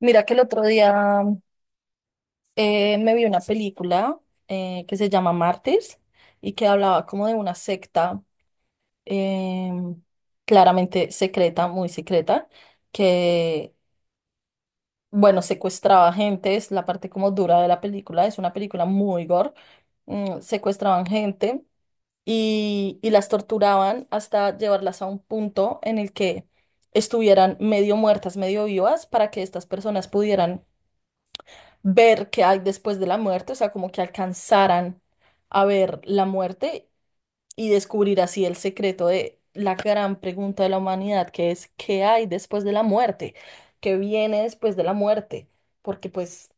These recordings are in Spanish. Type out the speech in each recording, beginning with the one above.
Mira que el otro día me vi una película que se llama Mártires y que hablaba como de una secta, em, claramente secreta, muy secreta, que, bueno, secuestraba gente. Es la parte como dura de la película, es una película muy gore, secuestraban gente y las torturaban hasta llevarlas a un punto en el que estuvieran medio muertas, medio vivas, para que estas personas pudieran ver qué hay después de la muerte. O sea, como que alcanzaran a ver la muerte y descubrir así el secreto de la gran pregunta de la humanidad, que es ¿qué hay después de la muerte? ¿Qué viene después de la muerte? Porque pues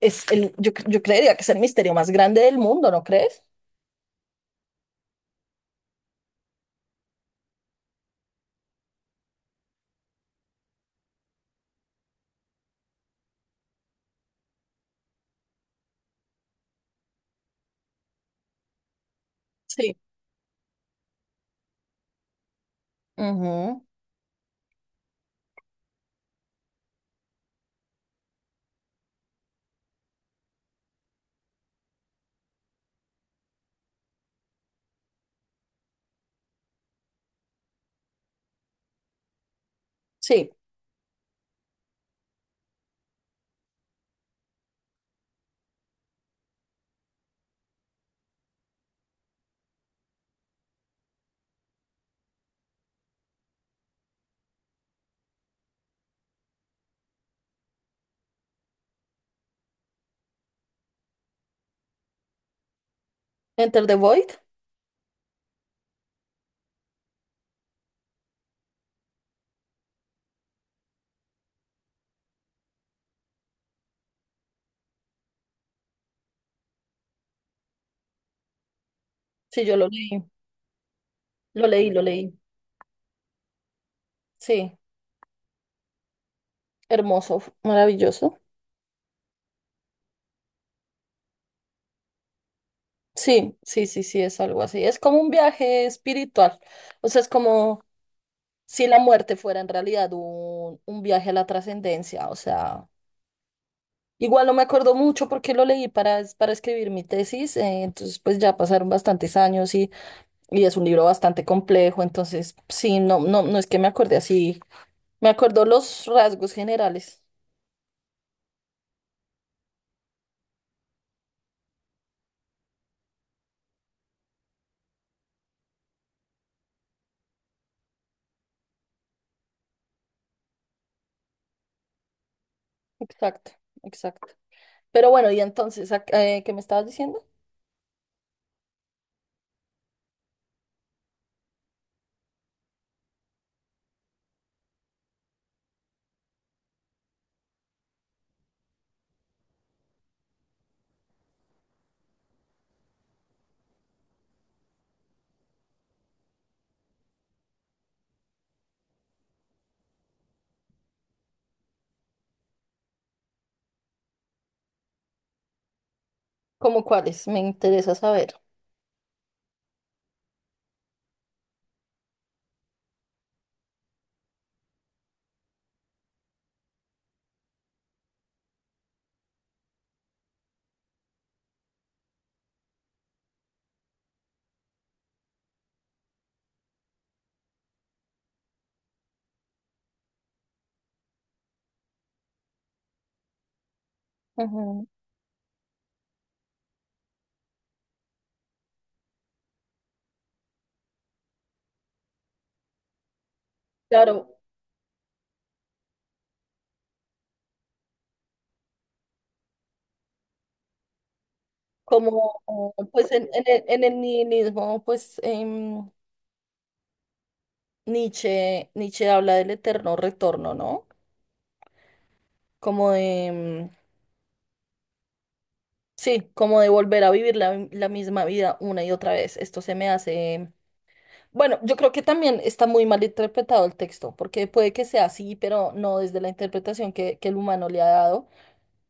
es el, yo, yo creería que es el misterio más grande del mundo, ¿no crees? Sí. Ujú. Sí. Enter the Void. Sí, yo lo leí, lo leí. Sí, hermoso, maravilloso. Sí, sí, sí, sí, es algo así. Es como un viaje espiritual. O sea, es como si la muerte fuera en realidad un viaje a la trascendencia. O sea, igual no me acuerdo mucho porque lo leí para, para escribir mi tesis. Entonces, pues ya pasaron bastantes años y es un libro bastante complejo. Entonces, sí, no, no es que me acordé así. Me acuerdo los rasgos generales. Exacto, exacto. Pero bueno, y entonces, ¿qué me estabas diciendo? ¿Cómo cuáles? Me interesa saber. Ujú. Claro. Como pues en el nihilismo, pues Nietzsche, Nietzsche habla del eterno retorno, ¿no? Como de, sí, como de volver a vivir la, la misma vida una y otra vez. Esto se me hace... Bueno, yo creo que también está muy mal interpretado el texto, porque puede que sea así, pero no desde la interpretación que el humano le ha dado.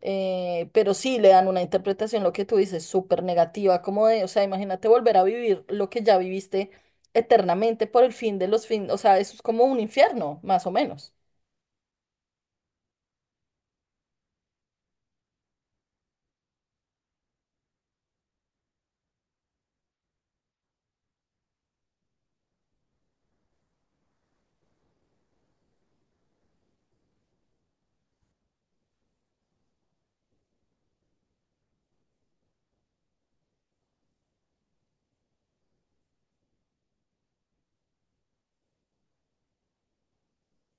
Pero sí le dan una interpretación, lo que tú dices, súper negativa, como de, o sea, imagínate volver a vivir lo que ya viviste eternamente por el fin de los fines. O sea, eso es como un infierno, más o menos.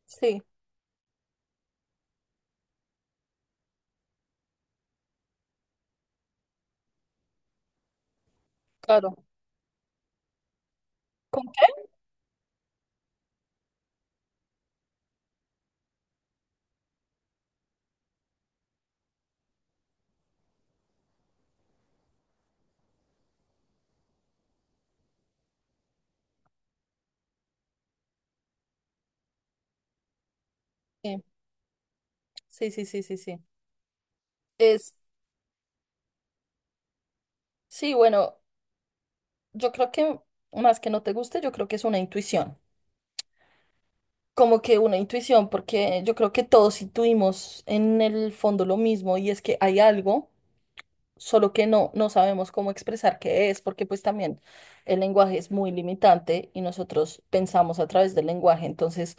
Sí, claro. ¿Con qué? Sí, sí, sí, sí, sí. Es, sí, bueno, yo creo que más que no te guste, yo creo que es una intuición. Como que una intuición, porque yo creo que todos intuimos en el fondo lo mismo y es que hay algo, solo que no, no sabemos cómo expresar qué es, porque pues también el lenguaje es muy limitante y nosotros pensamos a través del lenguaje. Entonces,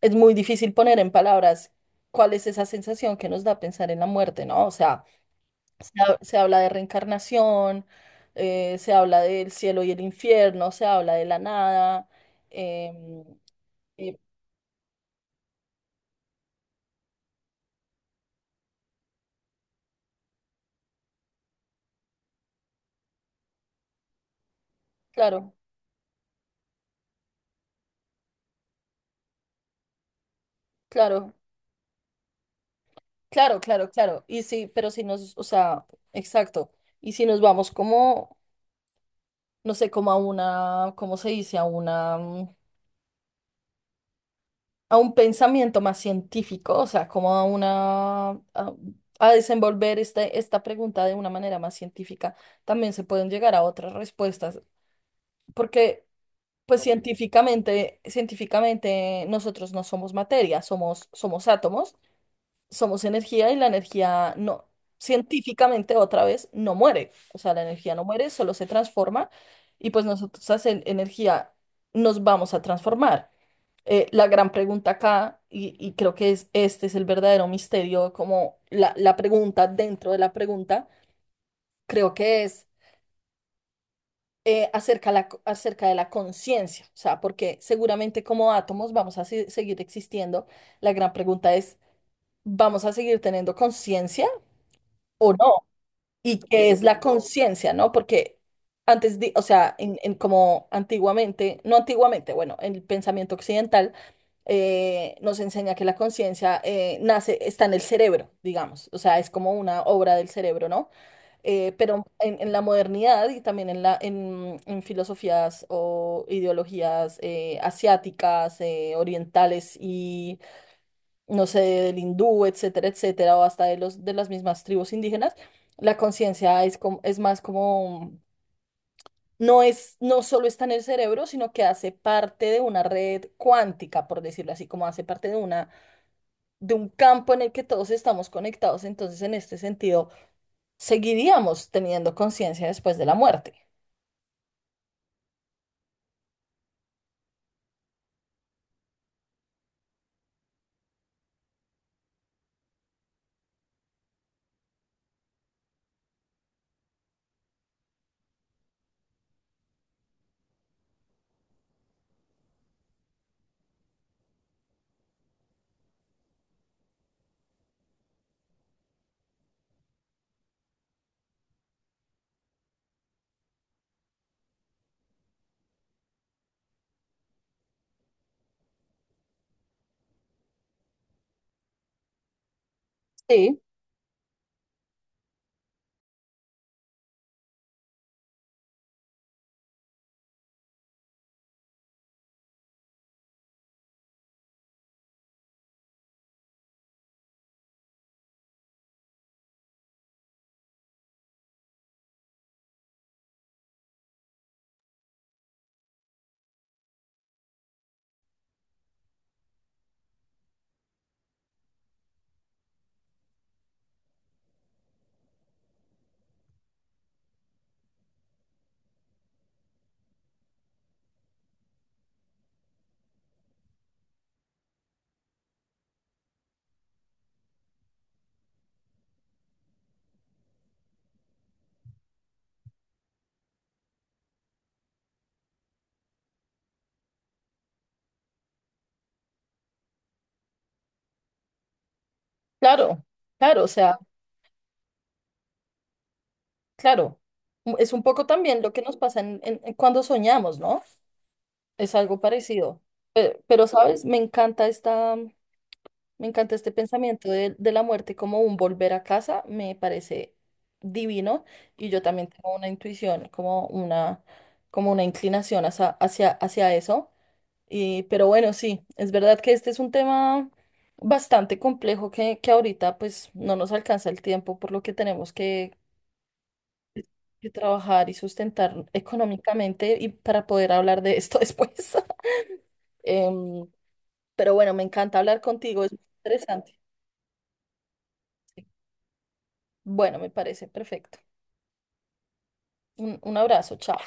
es muy difícil poner en palabras cuál es esa sensación que nos da pensar en la muerte, ¿no? O sea, se, se habla de reencarnación, se habla del cielo y el infierno, se habla de la nada, em, y claro, claro, claro, claro, claro, y sí. Pero si nos, o sea, exacto. Y si nos vamos como no sé, como a una, ¿cómo se dice? A una, a un pensamiento más científico, o sea, como a una, a desenvolver este, esta pregunta de una manera más científica, también se pueden llegar a otras respuestas, porque pues ok, científicamente, científicamente nosotros no somos materia, somos, somos átomos. Somos energía y la energía no, científicamente otra vez, no muere. O sea, la energía no muere, solo se transforma y pues nosotros hacen energía nos vamos a transformar. La gran pregunta acá, y creo que es, este es el verdadero misterio, como la pregunta dentro de la pregunta, creo que es acerca, la, acerca de la conciencia. O sea, porque seguramente como átomos vamos a seguir existiendo, la gran pregunta es, ¿vamos a seguir teniendo conciencia o no? Y que es la conciencia, ¿no? Porque antes, o sea, en como antiguamente, no antiguamente, bueno, el pensamiento occidental nos enseña que la conciencia nace, está en el cerebro, digamos, o sea, es como una obra del cerebro, ¿no? Pero en la modernidad y también en la, en filosofías o ideologías asiáticas, orientales, no sé, del hindú, etcétera, etcétera, o hasta de los de las mismas tribus indígenas, la conciencia es como, es más como, no es, no solo está en el cerebro, sino que hace parte de una red cuántica, por decirlo así, como hace parte de una, de un campo en el que todos estamos conectados. Entonces, en este sentido, seguiríamos teniendo conciencia después de la muerte. Sí, claro, claro, o sea, claro. Es un poco también lo que nos pasa cuando soñamos, ¿no? Es algo parecido. Pe- Pero, ¿sabes? Me encanta esta, me encanta este pensamiento de la muerte como un volver a casa. Me parece divino. Y yo también tengo una intuición, como una inclinación hacia, hacia, hacia eso. Y, pero bueno, sí, es verdad que este es un tema bastante complejo que ahorita pues no nos alcanza el tiempo, por lo que tenemos que trabajar y sustentar económicamente y para poder hablar de esto después. Em, Pero bueno, me encanta hablar contigo, es muy interesante. Sí. Bueno, me parece perfecto. Un abrazo, chao.